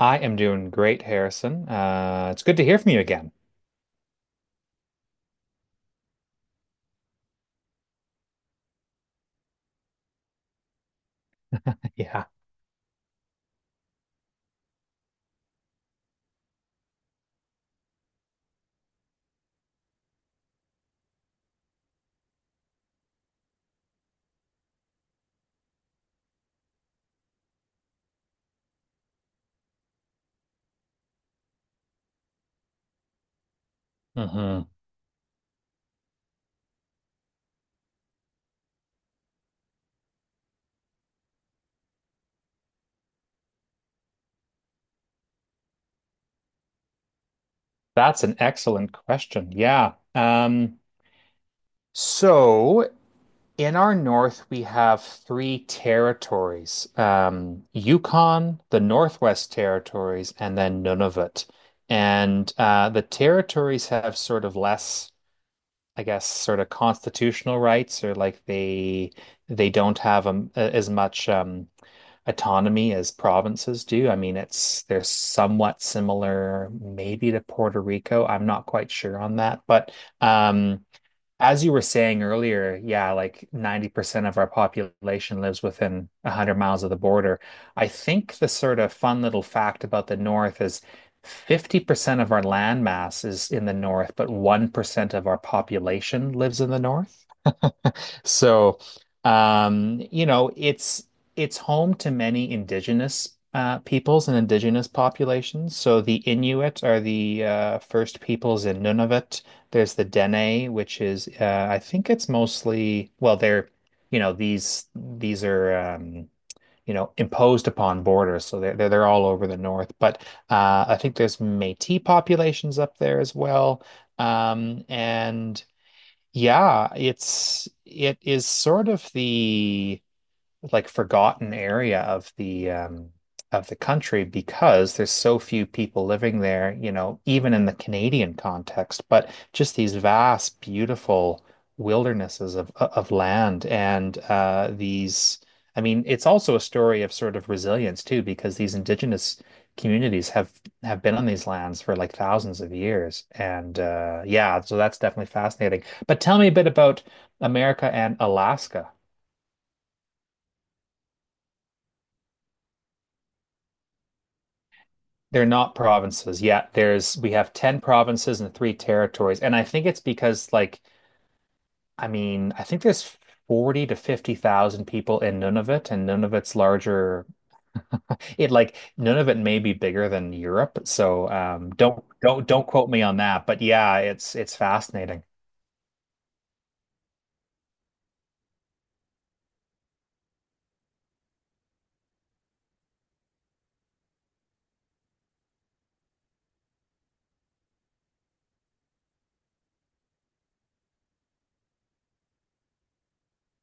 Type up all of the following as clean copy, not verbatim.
I am doing great, Harrison. It's good to hear from you again. Yeah. Hmm. That's an excellent question. Yeah. So in our north, we have three territories, Yukon, the Northwest Territories, and then Nunavut. And the territories have sort of less, I guess, sort of constitutional rights, or like they don't have as much. Autonomy as provinces do. I mean, it's they're somewhat similar, maybe to Puerto Rico. I'm not quite sure on that, but um, as you were saying earlier, yeah, like 90% of our population lives within 100 miles of the border. I think the sort of fun little fact about the North is 50% of our land mass is in the North, but 1% of our population lives in the North. So, um, you know, it's it's home to many indigenous peoples and indigenous populations. So the Inuit are the first peoples in Nunavut. There's the Dene, which is I think it's mostly. Well, they're these are imposed upon borders, so they're all over the north. But I think there's Métis populations up there as well. And yeah, it is sort of the like forgotten area of the country because there's so few people living there, even in the Canadian context, but just these vast, beautiful wildernesses of land and these I mean, it's also a story of sort of resilience too, because these indigenous communities have been on these lands for like thousands of years. And yeah, so that's definitely fascinating. But tell me a bit about America and Alaska. They're not provinces yet. There's we have 10 provinces and three territories. And I think it's because like I mean, I think there's 40 to 50,000 people in Nunavut and Nunavut's larger. it like Nunavut may be bigger than Europe. So don't quote me on that, but yeah, it's fascinating.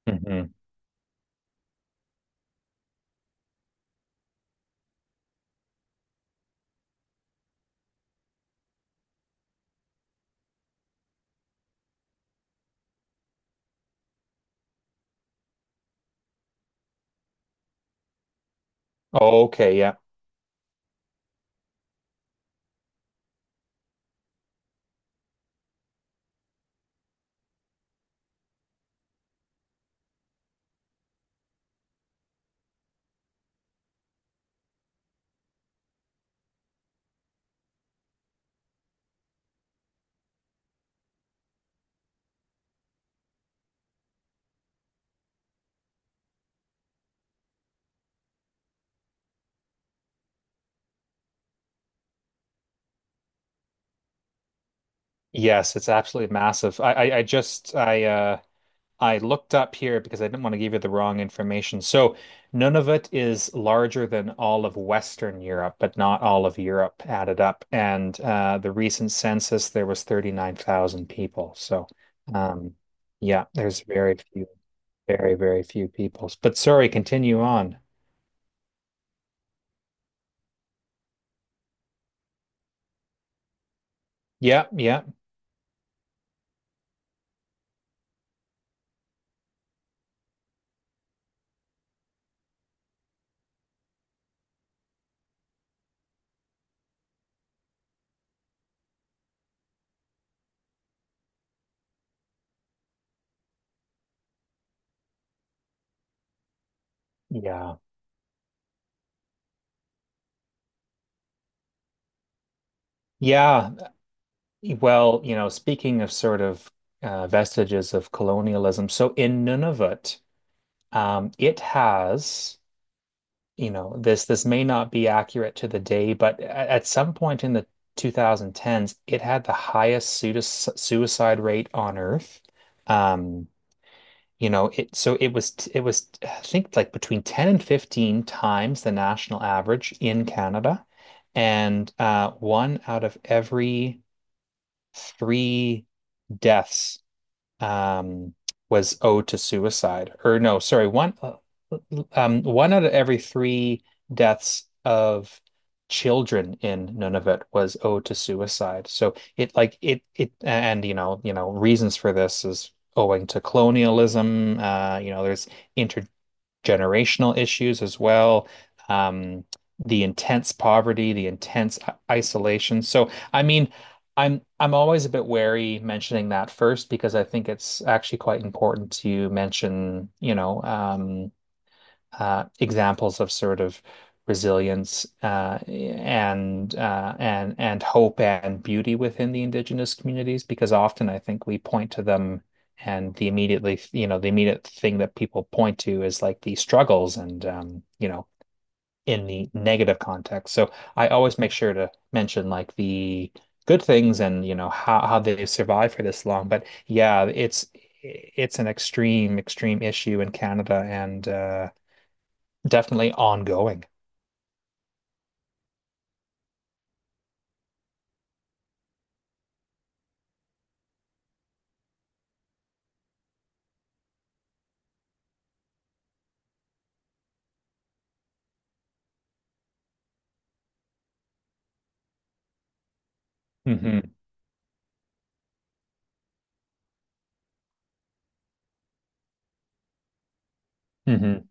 Hmm. Okay, yeah. Yes, it's absolutely massive. I just I looked up here because I didn't want to give you the wrong information. So Nunavut is larger than all of Western Europe, but not all of Europe added up. And the recent census, there was 39,000 people. So um, yeah, there's very few, very, very few people. But sorry, continue on. Yeah, yeah, yeah, yeah. Well, speaking of sort of vestiges of colonialism, so in Nunavut, it has. You know, this may not be accurate to the day, but at some point in the 2010s, it had the highest suicide rate on Earth. Um, you know, it so it was I think like between 10 and 15 times the national average in Canada, and one out of every three deaths um, was owed to suicide. Or no, sorry, one out of every three deaths of children in Nunavut was owed to suicide. So it like it and you know reasons for this is owing to colonialism. There's intergenerational issues as well. Um, the intense poverty, the intense isolation. So I mean. I'm always a bit wary mentioning that first because I think it's actually quite important to mention, examples of sort of resilience and and hope and beauty within the indigenous communities, because often I think we point to them and the immediate thing that people point to is like the struggles and in the negative context. So I always make sure to mention like the good things and how they've survived for this long. But yeah, it's an extreme extreme issue in Canada and definitely ongoing. Hmm. Hmm.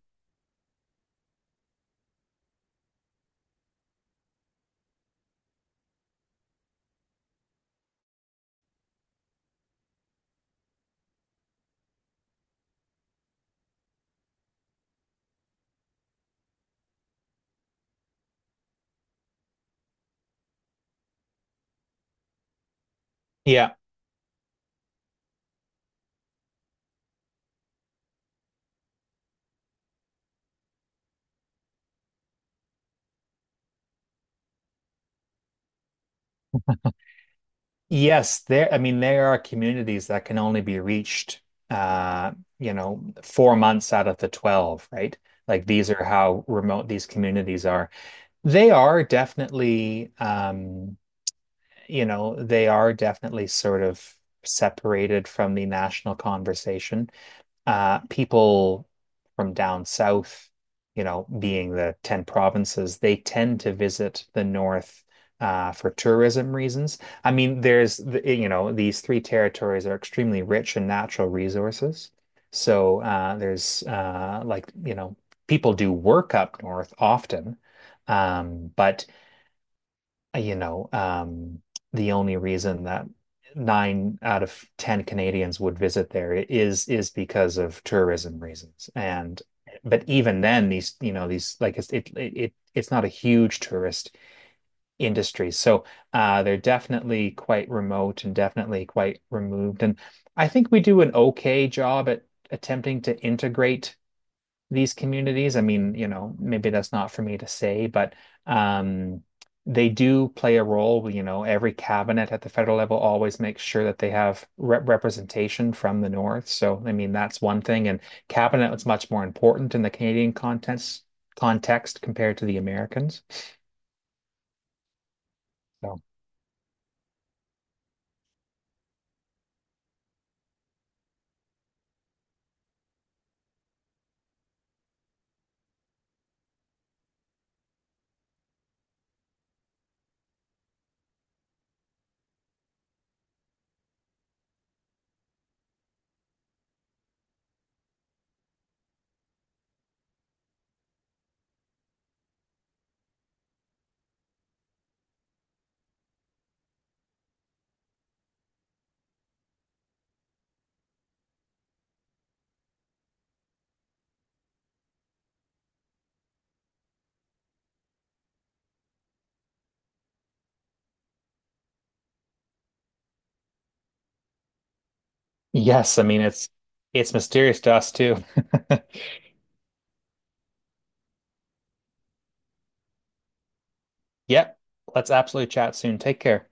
Yeah. Yes, I mean, there are communities that can only be reached, uh, 4 months out of the 12, right? Like these are how remote these communities are. They are definitely, you know, they are definitely sort of separated from the national conversation. People from down south, being the 10 provinces, they tend to visit the north for tourism reasons. I mean, there's, the, eh, you know, these three territories are extremely rich in natural resources. So there's like, you know, people do work up north often. Um, but you know, um, the only reason that nine out of ten Canadians would visit there is because of tourism reasons. And but even then, these you know these like it's it it it's not a huge tourist industry, so they're definitely quite remote and definitely quite removed. And I think we do an okay job at attempting to integrate these communities. I mean, maybe that's not for me to say, but um, they do play a role. Every cabinet at the federal level always makes sure that they have re representation from the North. So, I mean, that's one thing. And cabinet was much more important in the Canadian context compared to the Americans. So, yes, I mean, it's mysterious to us too. Yep. Let's absolutely chat soon. Take care.